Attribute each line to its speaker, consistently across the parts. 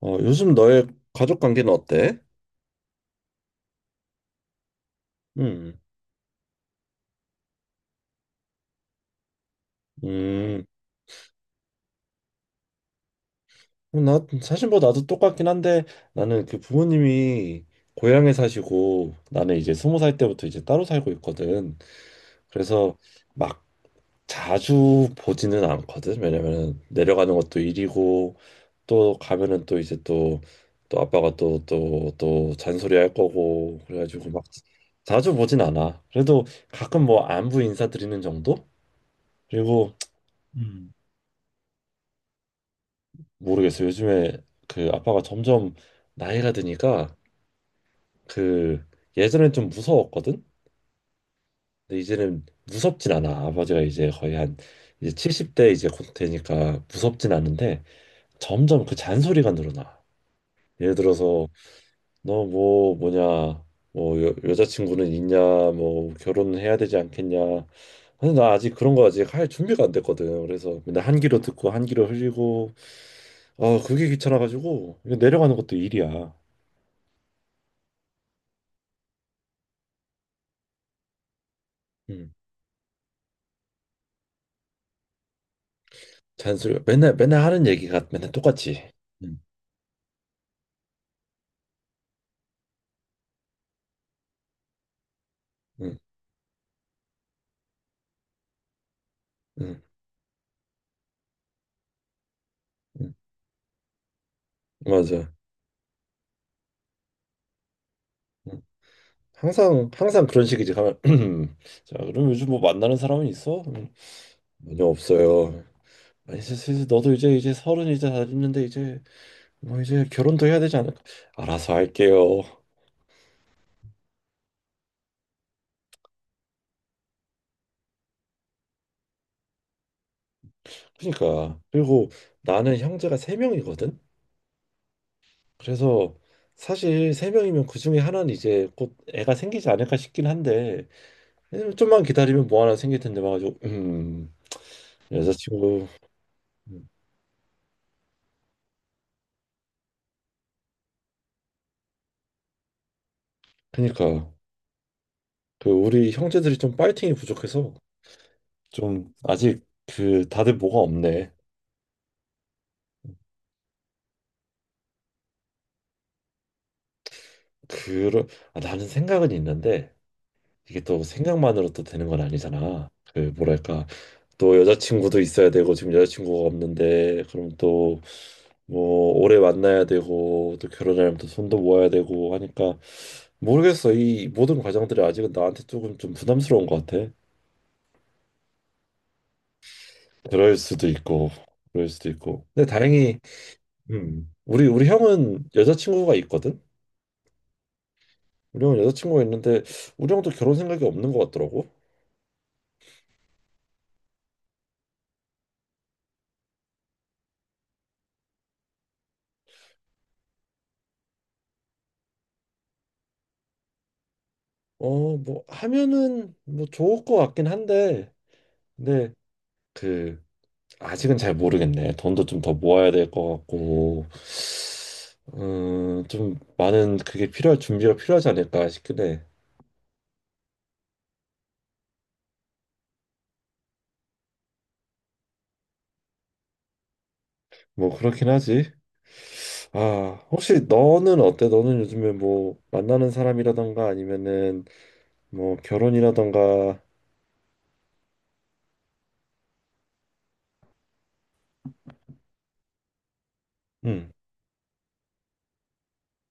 Speaker 1: 요즘 너의 가족 관계는 어때? 음, 음, 나 사실 뭐 나도 똑같긴 한데 나는 그 부모님이 고향에 사시고 나는 이제 스무 살 때부터 이제 따로 살고 있거든. 그래서 막 자주 보지는 않거든. 왜냐면은 내려가는 것도 일이고 또 가면은 또 이제 또 아빠가 또 잔소리 할 거고 그래가지고 막 자주 보진 않아. 그래도 가끔 뭐 안부 인사 드리는 정도? 그리고 모르겠어요. 요즘에 그 아빠가 점점 나이가 드니까 그 예전엔 좀 무서웠거든. 근데 이제는 무섭진 않아. 아버지가 이제 거의 한 이제 70대 이제 곧 되니까 무섭진 않은데 점점 그 잔소리가 늘어나. 예를 들어서 너 뭐 뭐냐 뭐 여자친구는 있냐 뭐 결혼은 해야 되지 않겠냐. 근데 나 아직 그런 거 아직 할 준비가 안 됐거든. 그래서 맨날 한 귀로 듣고 한 귀로 흘리고 아 그게 귀찮아가지고 이거 내려가는 것도 일이야. 음. 잔소리 맨날 맨날 하는 얘기가 맨날 똑같지. 응. 응, 응, 응, 맞아. 응. 항상 항상 그런 식이지. 가면 자, 그럼 요즘 뭐 만나는 사람은 있어? 전혀 없어요. 아니, 너도 이제 서른 이제 다 됐는데 이제 뭐 이제 결혼도 해야 되지 않을까? 알아서 할게요. 그러니까 그리고 나는 형제가 세 명이거든. 그래서 사실 세 명이면 그 중에 하나는 이제 곧 애가 생기지 않을까 싶긴 한데 좀만 기다리면 뭐 하나 생길 텐데 막 가지고 여자친구 그 그니까 그 우리 형제들이 좀 파이팅이 부족해서 좀 아직 그 다들 뭐가 없네 그러 아, 나는 생각은 있는데 이게 또 생각만으로 또 되는 건 아니잖아 그 뭐랄까 또 여자친구도 있어야 되고 지금 여자친구가 없는데 그럼 또 뭐 오래 만나야 되고 또 결혼하려면 또 손도 모아야 되고 하니까 모르겠어. 이 모든 과정들이 아직은 나한테 조금 좀 부담스러운 것 같아. 그럴 수도 있고 그럴 수도 있고 근데 다행히 우리 형은 여자친구가 있거든. 우리 형은 여자친구가 있는데 우리 형도 결혼 생각이 없는 것 같더라고. 뭐 하면은 뭐 좋을 것 같긴 한데, 근데 그 아직은 잘 모르겠네. 돈도 좀 더 모아야 될 것 같고, 좀 많은 그게 필요할 준비가 필요하지 않을까 싶긴 해. 뭐 그렇긴 하지. 아, 혹시 너는 어때? 너는 요즘에 뭐 만나는 사람이라던가 아니면은 뭐 결혼이라던가, 응,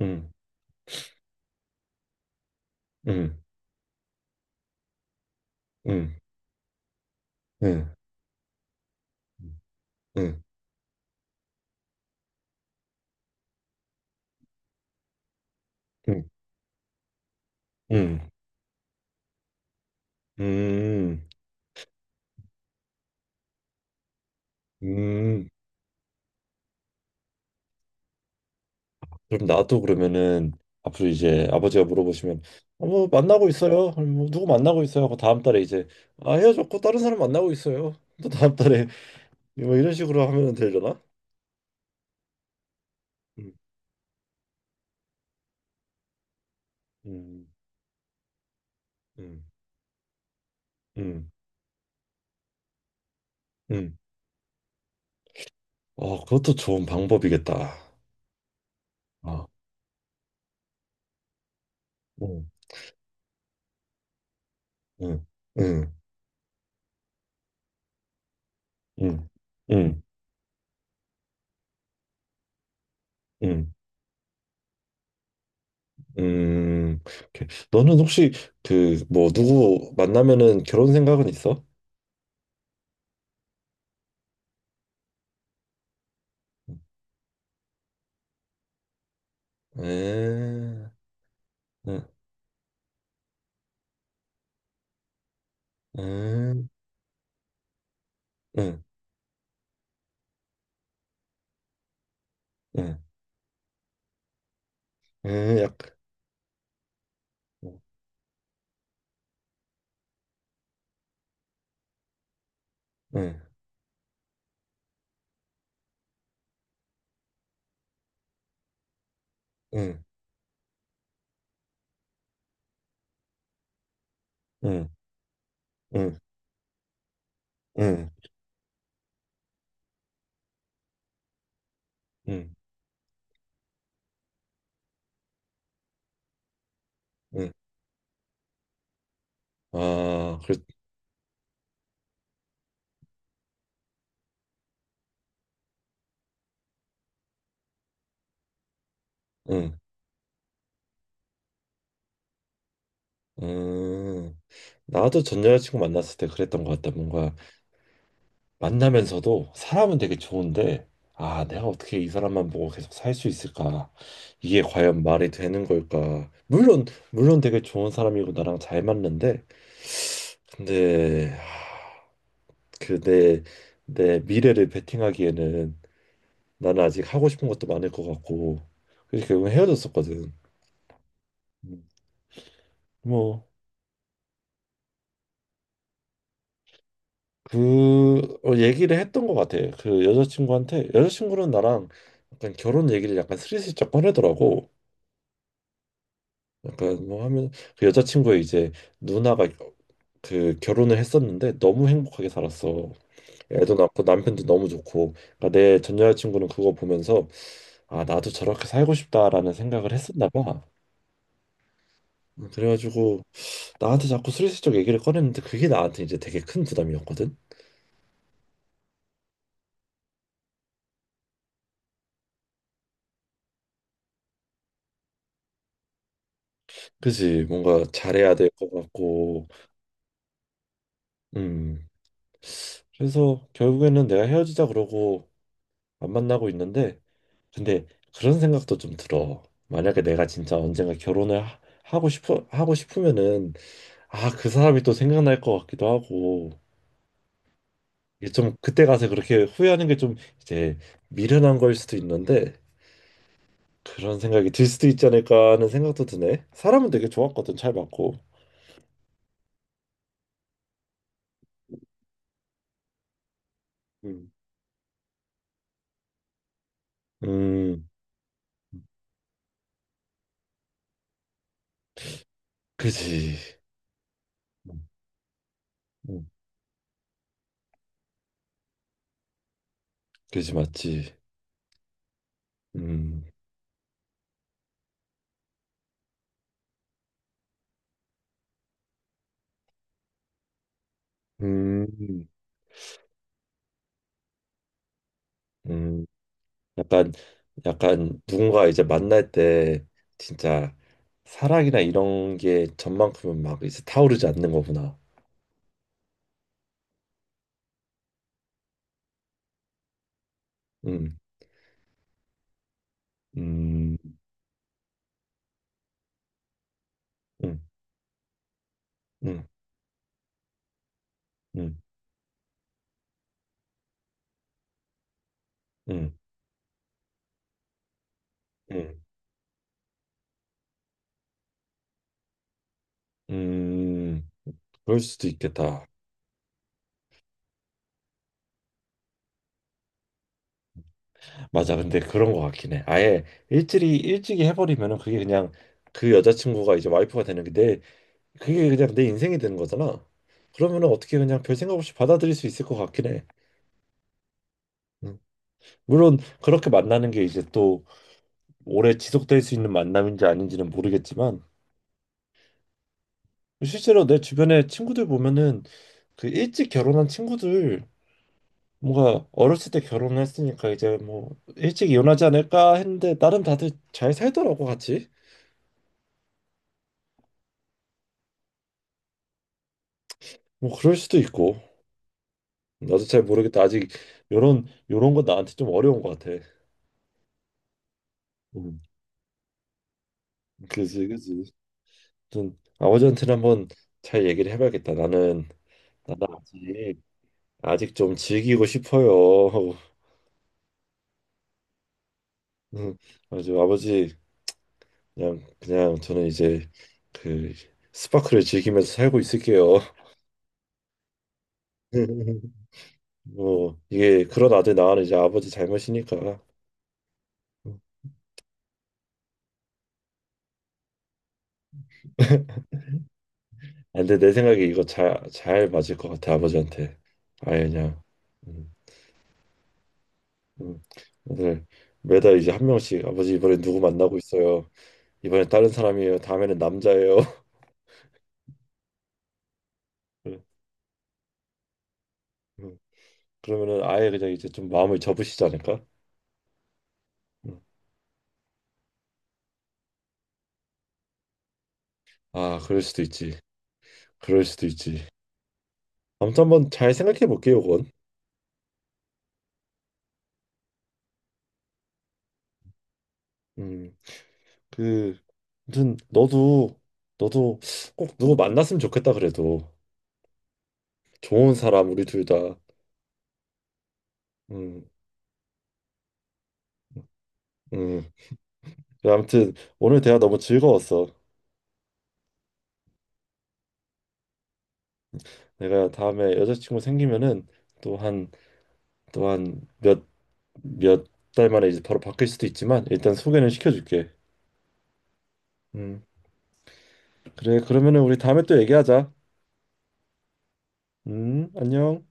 Speaker 1: 응, 응. 응 응 응 응응 음, 음. 그럼 나도 그러면은 앞으로 이제 아버지가 물어보시면 어, 뭐 만나고 있어요. 아니, 뭐 누구 만나고 있어요. 하고 다음 달에 이제 아 헤어졌고 다른 사람 만나고 있어요. 또 다음 달에 뭐 이런 식으로 하면 되려나? 음, 음, 음, 음, 음. 어, 그것도 좋은 방법이겠다. 아 응 응 응 응응 응. 음, 오케이. 너는 혹시 그 뭐 누구 만나면은 결혼 생각은 있어? 음, 음, 음, 음, 음, 약간, 음, 음, 음, 음, 음, 음, 음. 아, 그래, 음, 음. 나도 전 여자친구 만났을 때 그랬던 것 같다. 뭔가 만나면서도 사람은 되게 좋은데 아, 내가 어떻게 이 사람만 보고 계속 살 수 있을까? 이게 과연 말이 되는 걸까? 물론 물론 되게 좋은 사람이고 나랑 잘 맞는데 근데 그 내 미래를 베팅하기에는 나는 아직 하고 싶은 것도 많을 것 같고 그래서 결국 헤어졌었거든. 음. 뭐 그 어, 얘기를 했던 것 같아. 그 여자친구한테 여자친구는 나랑 약간 결혼 얘기를 약간 스리슬쩍 꺼내더라고. 약간 뭐 하면 그 여자친구의 이제 누나가 그 결혼을 했었는데 너무 행복하게 살았어. 애도 낳고 남편도 너무 좋고. 그러니까 내 전 여자친구는 그거 보면서 아 나도 저렇게 살고 싶다라는 생각을 했었나 봐. 그래가지고 나한테 자꾸 슬슬쩍 얘기를 꺼냈는데 그게 나한테 이제 되게 큰 부담이었거든. 그지, 뭔가 잘해야 될 것 같고. 음. 그래서 결국에는 내가 헤어지자 그러고 안 만나고 있는데 근데 그런 생각도 좀 들어. 만약에 내가 진짜 언젠가 결혼을 하고 싶어 하고 싶으면은 아, 그 사람이 또 생각날 것 같기도 하고 이게 좀 그때 가서 그렇게 후회하는 게 좀 이제 미련한 걸 수도 있는데 그런 생각이 들 수도 있지 않을까 하는 생각도 드네. 사람은 되게 좋았거든, 잘 맞고. 음. 음, 그지. 음, 음, 그지 맞지. 음, 음. 음. 약간 약간 누군가 이제 만날 때 진짜 사랑이나 이런 게 전만큼은 막 이제 타오르지 않는 거구나. 음, 음, 음, 음, 음, 음, 음, 음, 그럴 수도 있겠다. 맞아. 근데 그런 거 같긴 해. 아예 일찍이 일찍이 해버리면은 그게 그냥 그 여자친구가 이제 와이프가 되는 게 내 그게 그냥 내 인생이 되는 거잖아. 그러면은 어떻게 그냥 별 생각 없이 받아들일 수 있을 것 같긴 해. 음. 물론 그렇게 만나는 게 이제 또 오래 지속될 수 있는 만남인지 아닌지는 모르겠지만 실제로 내 주변에 친구들 보면은 그 일찍 결혼한 친구들 뭔가 어렸을 때 결혼했으니까 이제 뭐 일찍 이혼하지 않을까 했는데 나름 다들 잘 살더라고 같이 뭐 그럴 수도 있고 나도 잘 모르겠다 아직. 요런 요런 거 나한테 좀 어려운 것 같아. 음 그지 그지. 좀 아버지한테는 한번 잘 얘기를 해봐야겠다. 나는 나는 아직 아직 좀 즐기고 싶어요. 음, 아주 아버지 그냥 그냥 저는 이제 그 스파크를 즐기면서 살고 있을게요. 뭐 이게 그런 아들 낳아는 이제 아버지 잘못이니까. 아, 근데 내 생각에 이거 잘 맞을 것 같아 아버지한테. 아예 그냥 음, 음. 오늘 매달 이제 한 명씩 아버지 이번에 누구 만나고 있어요. 이번엔 다른 사람이에요. 다음에는 남자예요. 음, 음. 그러면은 아예 그냥 이제 좀 마음을 접으시지 않을까? 음. 아 그럴 수도 있지. 그럴 수도 있지. 아무튼 한번 잘 생각해 볼게요, 그건. 음. 그 아무튼 너도 너도 꼭 누구 만났으면 좋겠다 그래도 좋은 사람 우리 둘 다. 음, 음. 그래, 아무튼 오늘 대화 너무 즐거웠어. 내가 다음에 여자친구 생기면은 또 한 또 한 몇 몇 달 만에 이제 바로 바뀔 수도 있지만 일단 소개는 시켜줄게. 음. 그래 그러면은 우리 다음에 또 얘기하자. 안녕.